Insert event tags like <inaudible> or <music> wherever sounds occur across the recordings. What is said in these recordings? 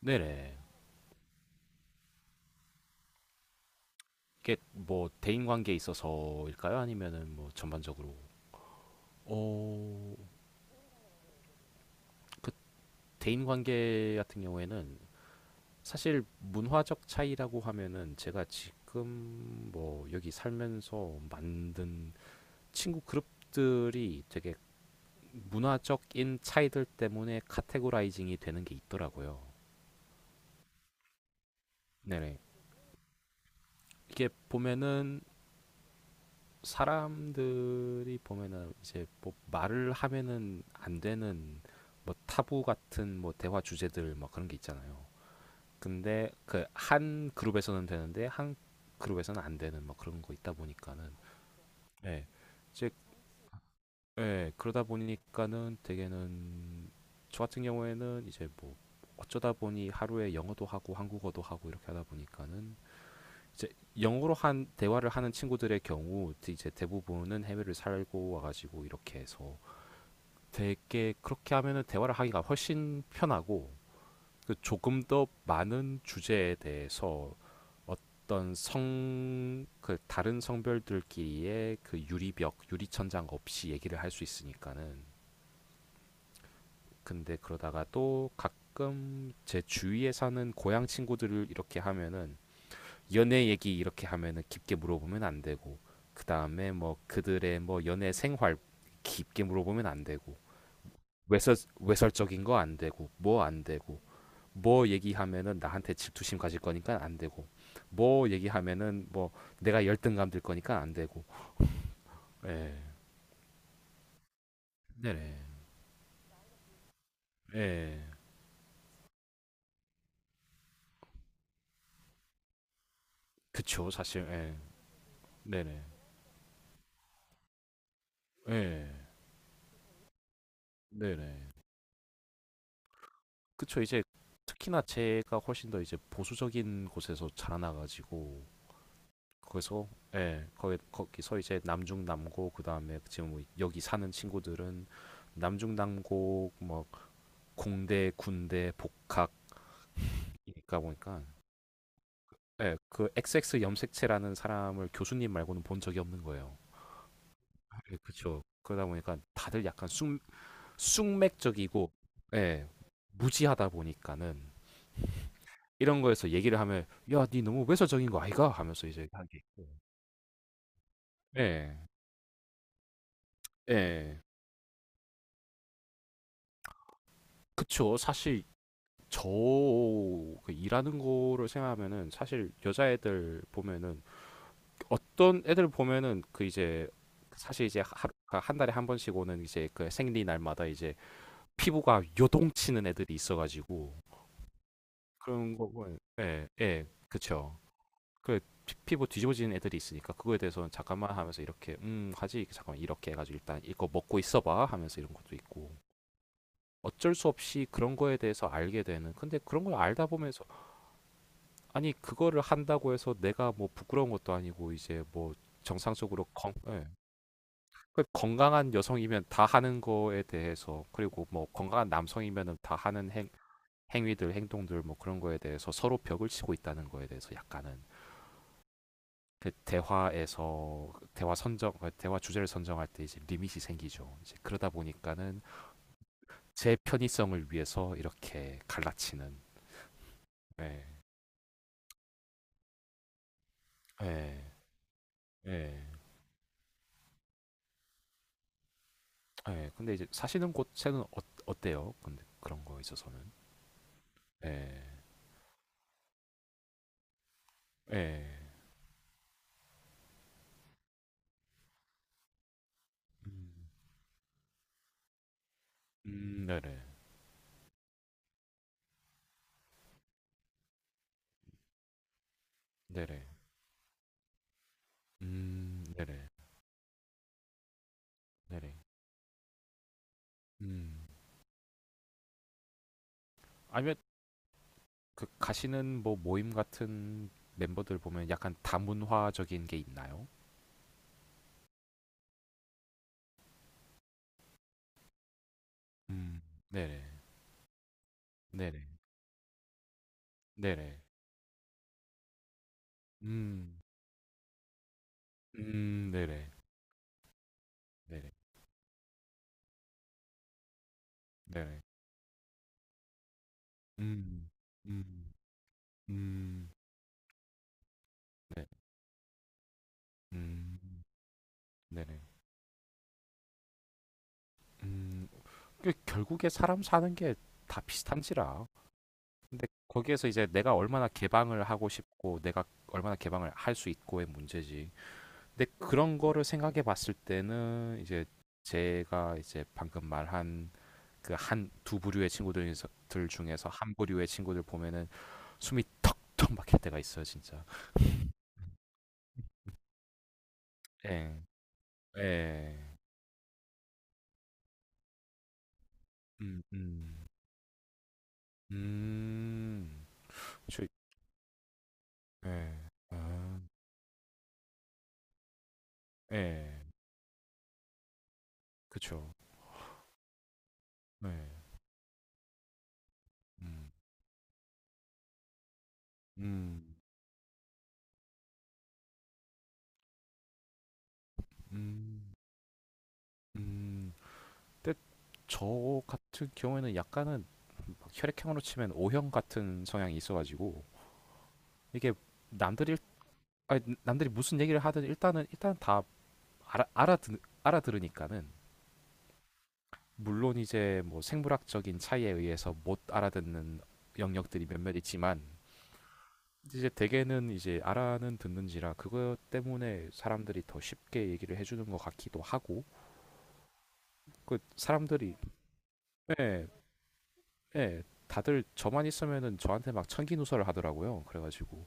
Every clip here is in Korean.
네네. 이게 뭐 대인 관계에 있어서일까요? 아니면은 뭐 전반적으로. 어, 그 대인 관계 같은 경우에는 사실 문화적 차이라고 하면은 제가 지금 뭐 여기 살면서 만든 친구 그룹들이 되게 문화적인 차이들 때문에 카테고라이징이 되는 게 있더라고요. 네네. 이게 보면은 사람들이 보면은 이제 뭐 말을 하면은 안 되는 뭐 타부 같은 뭐 대화 주제들 뭐 그런 게 있잖아요. 근데 그 한 그룹에서는 되는데 한 그룹에서는 안 되는 뭐 그런 거 있다 보니까는. 예. 이제 예, 그러다 보니까는 되게는 저 같은 경우에는 이제 뭐 어쩌다 보니 하루에 영어도 하고 한국어도 하고 이렇게 하다 보니까는 이제 영어로 한 대화를 하는 친구들의 경우 이제 대부분은 해외를 살고 와가지고 이렇게 해서 되게 그렇게 하면은 대화를 하기가 훨씬 편하고 그 조금 더 많은 주제에 대해서 어떤 성 그 다른 성별들끼리의 그 유리벽, 유리천장 없이 얘기를 할 수 있으니까는. 근데 그러다가 또 가끔 제 주위에 사는 고향 친구들을 이렇게 하면은 연애 얘기 이렇게 하면은 깊게 물어보면 안 되고 그다음에 뭐 그들의 뭐 연애 생활 깊게 물어보면 안 되고 외설 외설적인 거 안 되고 뭐 안 되고 뭐 얘기하면은 나한테 질투심 가질 거니까 안 되고 뭐 얘기하면은 뭐 내가 열등감 들 거니까 안 되고. 예. 네네. 예. 그쵸. 사실 예. 네네. 예. 네네. 그쵸. 이제 특히나 제가 훨씬 더 이제 보수적인 곳에서 자라나가지고 거기서 예, 거기서 이제 남중남고 그 다음에 지금 뭐 여기 사는 친구들은 남중남고 뭐 공대, 군대, 복학이니까 보니까 예, 그 XX 염색체라는 사람을 교수님 말고는 본 적이 없는 거예요. 예, 그렇죠. 그러다 보니까 다들 약간 쑥, 쑥맥적이고 예, 무지하다 보니까는 이런 거에서 얘기를 하면 야, 니 너무 외설적인 거 아이가? 하면서 이제 한 게 있고. 예. 예. 그쵸. 사실 저그 일하는 거를 생각하면은 사실 여자애들 보면은 어떤 애들 보면은 그 이제 사실 이제 하루 한 달에 한 번씩 오는 이제 그 생리 날마다 이제 피부가 요동치는 애들이 있어가지고 그런 거 보면 예, 예, 그쵸. 그 피부 뒤집어지는 애들이 있으니까 그거에 대해서는 잠깐만 하면서 이렇게 하지 잠깐만 이렇게 해가지고 일단 이거 먹고 있어봐 하면서 이런 것도 있고 어쩔 수 없이 그런 거에 대해서 알게 되는 근데 그런 걸 알다 보면서 아니 그거를 한다고 해서 내가 뭐 부끄러운 것도 아니고 이제 뭐 정상적으로 건, 예, 그 건강한 여성이면 다 하는 거에 대해서 그리고 뭐 건강한 남성이면은 다 하는 행, 행위들 행동들 뭐 그런 거에 대해서 서로 벽을 치고 있다는 거에 대해서 약간은 그 대화에서 대화 선정 그 대화 주제를 선정할 때 이제 리밋이 생기죠. 이제 그러다 보니까는 제 편의성을 위해서 이렇게 갈라치는. 예. 예. 예. 예. 근데 이제 사시는 곳에는 어, 어때요? 근데 그런 거에 있어서는. 예. 예. 음, 네네. 네네. 네네. 네네. 음. 아니면 가시는 뭐 모임 같은 멤버들 보면 약간 다문화적인 게 있나요? 음. 네네. 네네. 네네. 음. 네네. 네네. 네네. 음. 음. 음. 네. 음. 네네. 음. 그 결국에 사람 사는 게 다 비슷한지라. 근데 거기에서 이제 내가 얼마나 개방을 하고 싶고 내가 얼마나 개방을 할 수 있고의 문제지. 근데 그런 거를 생각해 봤을 때는 이제 제가 이제 방금 말한 그 한 두 부류의 친구들 중에서- 한 부류의 친구들 보면은 숨이 턱턱 막힐 때가 있어요, 진짜. 예. 예. 음, 음. 음. 그쵸. 예. 아. 예. 그쵸. 네, 음. 음. 음. 음. 근데 저 같은 경우에는 약간은 혈액형으로 치면 O형 같은 성향이 있어가지고 이게 남들이 아니, 남들이 무슨 얘기를 하든 일단은 일단 다 알아들으니까는 물론 이제 뭐 생물학적인 차이에 의해서 못 알아듣는 영역들이 몇몇 있지만 이제 대개는 이제 알아는 듣는지라 그것 때문에 사람들이 더 쉽게 얘기를 해주는 것 같기도 하고 그 사람들이 예, 예, 다들 저만 있으면은 저한테 막 천기누설을 하더라고요. 그래가지고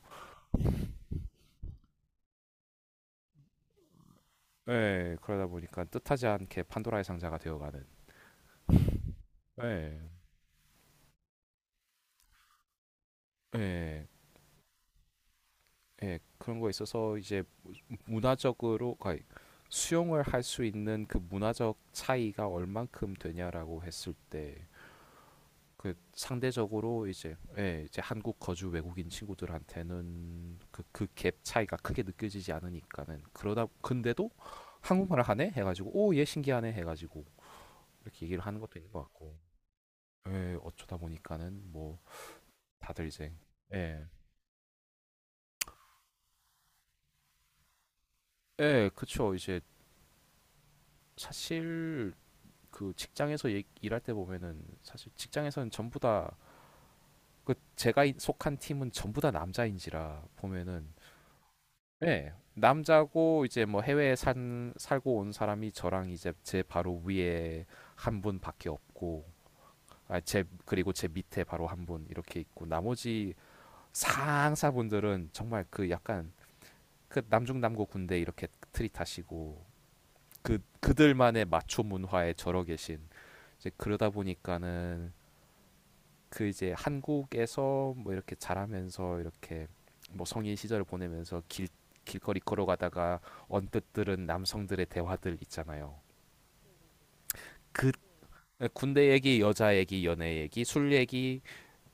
예, 그러다 보니까 뜻하지 않게 판도라의 상자가 되어가는. 예, 예, 예, 그런 거에 있어서 이제 문화적으로 거의 수용을 할 수 있는 그 문화적 차이가 얼만큼 되냐라고 했을 때, 그 상대적으로 이제 예, 이제 한국 거주 외국인 친구들한테는 그 그 갭 차이가 크게 느껴지지 않으니까는 그러다 근데도 한국말을 하네 해가지고 오 얘 신기하네 해가지고 이렇게 얘기를 하는 것도 있는 것 같고 예, 어쩌다 보니까는 뭐 다들 이제 예. 예, 그쵸. 이제 사실 그 직장에서 일할 때 보면은 사실 직장에서는 전부 다 그 제가 속한 팀은 전부 다 남자인지라 보면은 예, 남자고 이제 뭐 해외에 산 살고 온 사람이 저랑 이제 제 바로 위에 한 분밖에 없고 아, 제 그리고 제 밑에 바로 한 분 이렇게 있고 나머지 상사분들은 정말 그 약간 그 남중남고 군대 이렇게 트릿하시고 그 그들만의 마초 문화에 절어 계신 이제 그러다 보니까는 그 이제 한국에서 뭐 이렇게 자라면서 이렇게 뭐 성인 시절을 보내면서 길 길거리 걸어가다가 언뜻 들은 남성들의 대화들 있잖아요. 그 군대 얘기, 여자 얘기, 연애 얘기, 술 얘기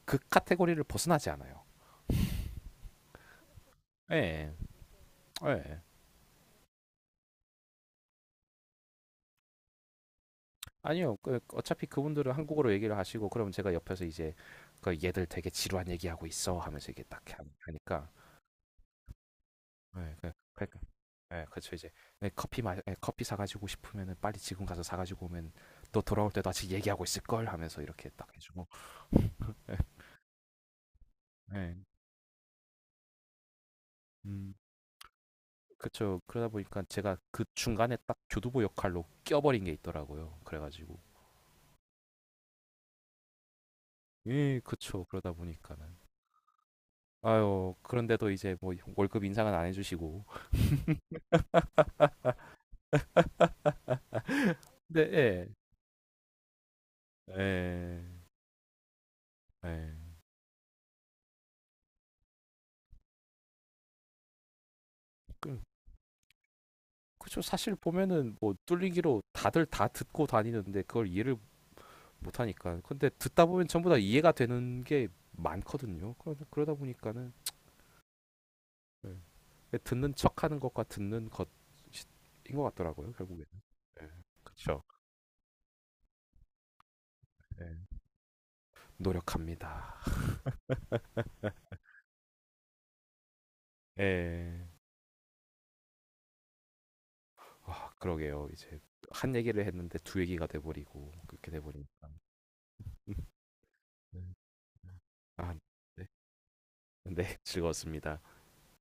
그 카테고리를 벗어나지 않아요. 예, 예. 아니요. 어차피 그분들은 한국어로 얘기를 하시고 그러면 제가 옆에서 이제 그 얘들 되게 지루한 얘기하고 있어 하면서 이게 딱 하니까 네, 그러니까. 예 그렇죠 이제. 네, 커피 마, 예, 커피 사가지고 싶으면은 빨리 지금 가서 사가지고 오면 또 돌아올 때도 아직 얘기하고 있을 걸 하면서 이렇게 딱 해주고. 예 예, 음, 그렇죠. 그러다 보니까 제가 그 중간에 딱 교두보 역할로 껴버린 게 있더라고요. 그래가지고. 예, 그쵸. 그러다 보니까는. 아유, 그런데도 이제 뭐 월급 인상은 안 해주시고. 네, 예. 예, 예. 그, 그쵸. 사실 보면은 뭐 뚫리기로 다들 다 듣고 다니는데 그걸 이해를 못하니까. 근데 듣다 보면 전부 다 이해가 되는 게 많거든요. 그러다 보니까는 네. 듣는 척하는 것과 듣는 것인 것 같더라고요. 결국에는. 네, 그렇죠. 노력합니다. 예. 와, 그러게요. 이제 한 얘기를 했는데 두 얘기가 돼버리고 그렇게 돼버린. <laughs> 네. 아, 네. 네, 즐거웠습니다.